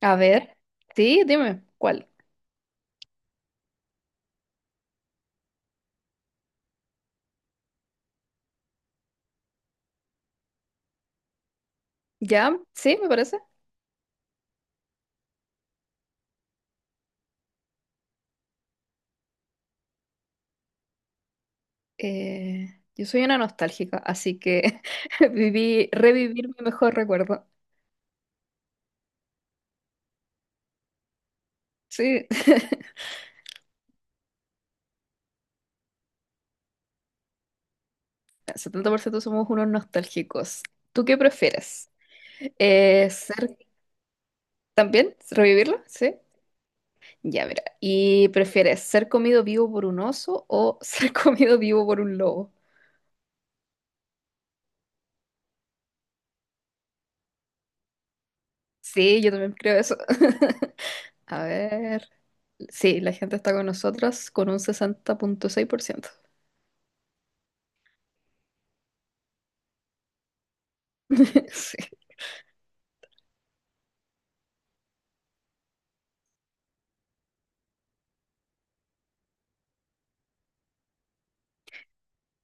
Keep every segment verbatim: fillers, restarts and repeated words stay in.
A ver, sí, dime, ¿cuál? ¿Ya? Sí, me parece. Eh, yo soy una nostálgica, así que viví, revivir mi mejor recuerdo. Sí, el setenta por ciento somos unos nostálgicos. ¿Tú qué prefieres? Eh, ¿ser también? ¿Revivirlo? Sí. Ya, mira. ¿Y prefieres ser comido vivo por un oso o ser comido vivo por un lobo? Sí, yo también creo eso. A ver. Sí, la gente está con nosotros con un sesenta punto seis por ciento. Sí.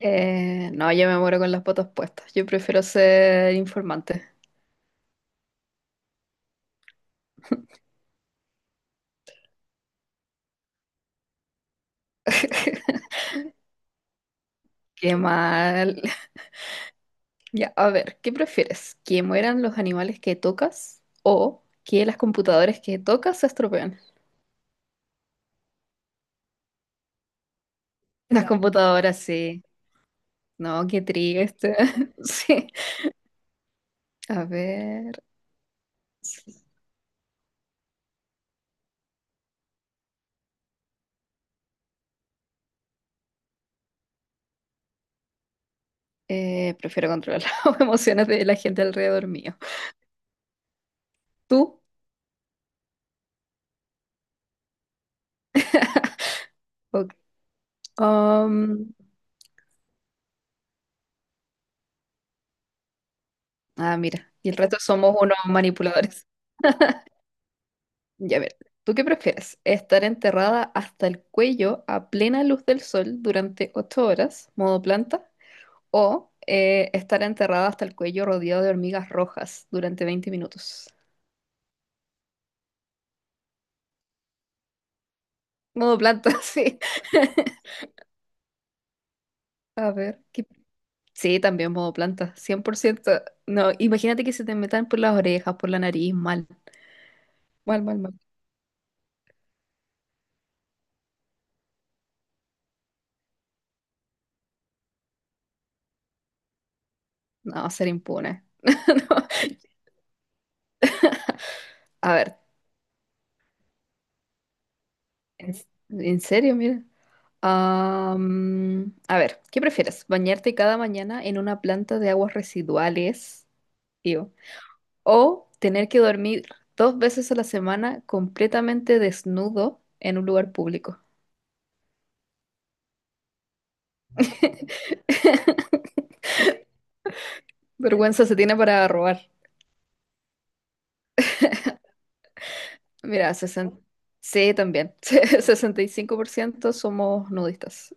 Eh, no, yo me muero con las botas puestas. Yo prefiero ser informante. Qué mal. Ya, a ver, ¿qué prefieres? ¿Que mueran los animales que tocas o que las computadoras que tocas se estropean? Las. No. Computadoras, sí. No, qué triste. Sí. A ver. Eh, prefiero controlar las emociones de la gente alrededor mío. ¿Tú? Ok. Um, ah, mira. Y el resto somos unos manipuladores. Ya ver, ¿tú qué prefieres? ¿Estar enterrada hasta el cuello a plena luz del sol durante ocho horas, modo planta? ¿O eh, estar enterrada hasta el cuello rodeado de hormigas rojas durante veinte minutos? Modo planta, sí. A ver, ¿qué- sí, también modo planta, cien por ciento. No, imagínate que se te metan por las orejas, por la nariz, mal, mal, mal, mal. No, ser impune. No. A ver, en, en serio, mira. Am, a ver, ¿qué prefieres? ¿Bañarte cada mañana en una planta de aguas residuales? Iu. ¿O tener que dormir dos veces a la semana completamente desnudo en un lugar público? Vergüenza se tiene para robar. Mira, sesenta, sí, también. sesenta y cinco por ciento somos nudistas.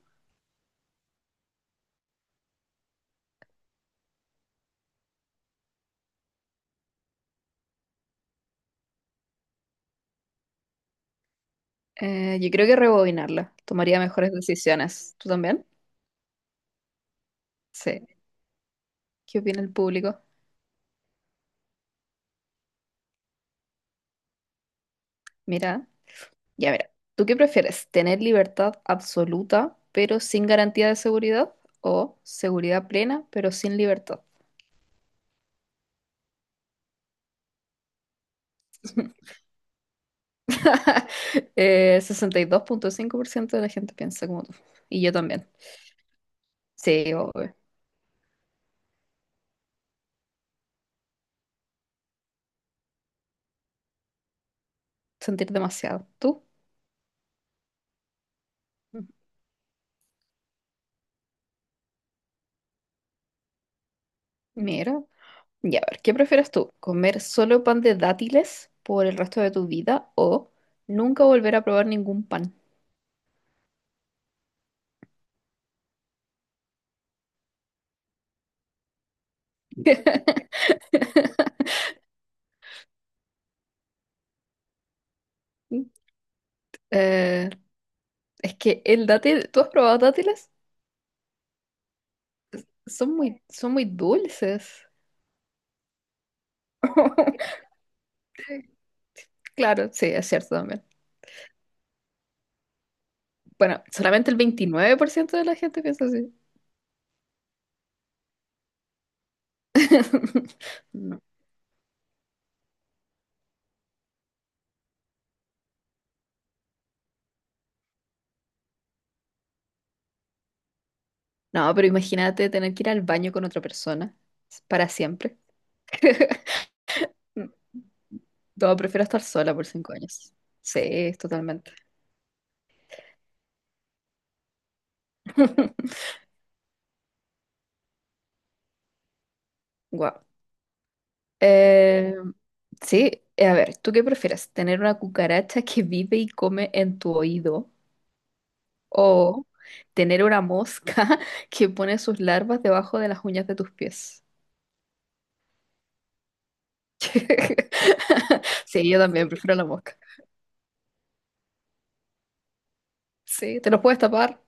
Eh, yo creo que rebobinarla. Tomaría mejores decisiones. ¿Tú también? Sí. ¿Qué opina el público? Mira. Ya verá, ¿tú qué prefieres? ¿Tener libertad absoluta pero sin garantía de seguridad? ¿O seguridad plena pero sin libertad? Eh, sesenta y dos punto cinco por ciento de la gente piensa como tú. Y yo también. Sí, obvio. Sentir demasiado. ¿Tú? Mira. Ya, a ver, ¿qué prefieres tú? ¿Comer solo pan de dátiles por el resto de tu vida o nunca volver a probar ningún pan? Eh, es que el dátil, ¿tú has probado dátiles? Son muy, son muy dulces. Claro, sí, es cierto también. Bueno, solamente el veintinueve por ciento de la gente piensa así. No. No, pero imagínate tener que ir al baño con otra persona para siempre. No, prefiero estar sola por cinco años. Sí, totalmente. Wow. Eh, sí, eh, a ver, ¿tú qué prefieres? ¿Tener una cucaracha que vive y come en tu oído? O tener una mosca que pone sus larvas debajo de las uñas de tus pies. Sí, yo también prefiero la mosca. Sí, ¿te los puedes tapar?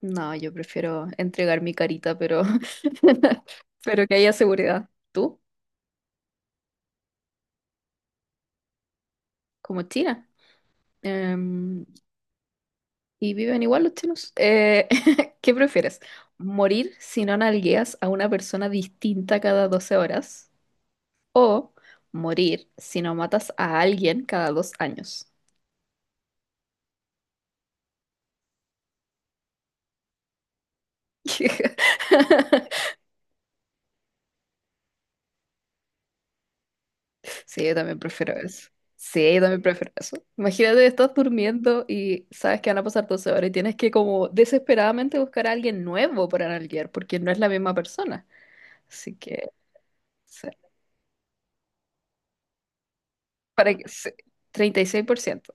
No, yo prefiero entregar mi carita, pero, pero que haya seguridad. ¿Tú? Como China. Em, ¿Y viven igual los chinos? Eh, ¿qué prefieres? ¿Morir si no nalgueas a una persona distinta cada doce horas? ¿O morir si no matas a alguien cada dos años? Sí, yo también prefiero eso. Sí, yo también prefiero eso. Imagínate, estás durmiendo y sabes que van a pasar doce horas y tienes que como desesperadamente buscar a alguien nuevo para nalguear porque no es la misma persona. Así que, sí. Para que, sí, treinta y seis por ciento.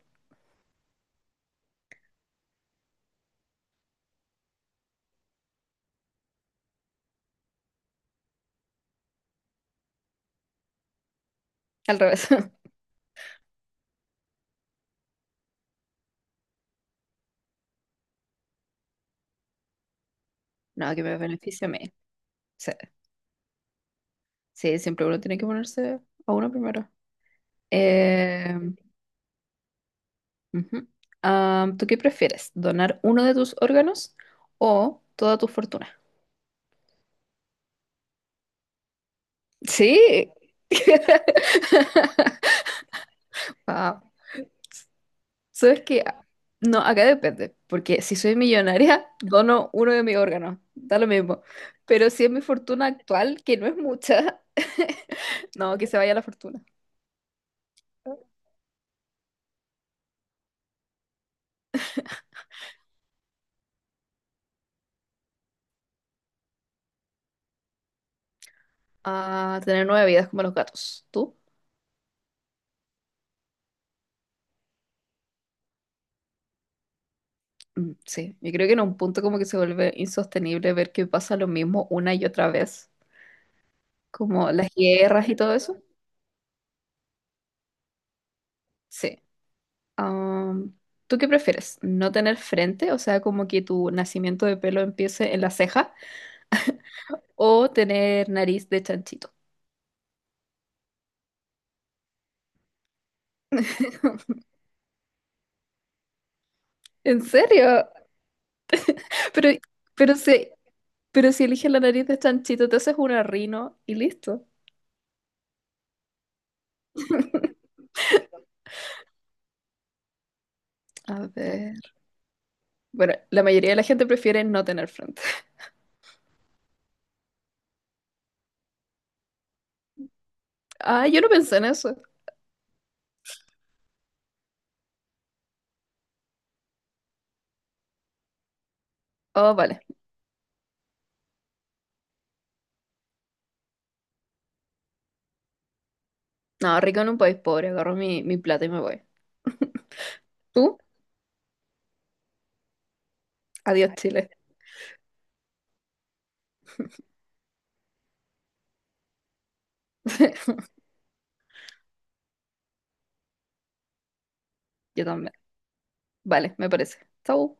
Al revés. No, que me beneficie a mí. Sí, sí, siempre uno tiene que ponerse a uno primero. Eh, Ujú. Ah, ¿tú qué prefieres? ¿Donar uno de tus órganos o toda tu fortuna? Sí. Wow. ¿Sabes qué? No, acá depende, porque si soy millonaria, dono uno de mis órganos, da lo mismo. Pero si es mi fortuna actual, que no es mucha, no, que se vaya la fortuna. A tener nueve vidas como los gatos. ¿Tú? Mm, sí, yo creo que en un punto como que se vuelve insostenible ver que pasa lo mismo una y otra vez, como las guerras y todo eso. Sí, Am, ¿tú qué prefieres? ¿No tener frente? O sea, como que tu nacimiento de pelo empiece en la ceja o tener nariz de chanchito. ¿En serio? Pero, pero si, pero si eliges la nariz de chanchito, te haces una rino y listo. A ver. Bueno, la mayoría de la gente prefiere no tener frente. Ah, yo no pensé en eso. Oh, vale. No, rico en un país pobre. Agarro mi, mi plata y me voy. ¿Tú? Adiós, Chile. Yo también. Vale, me parece. Chau.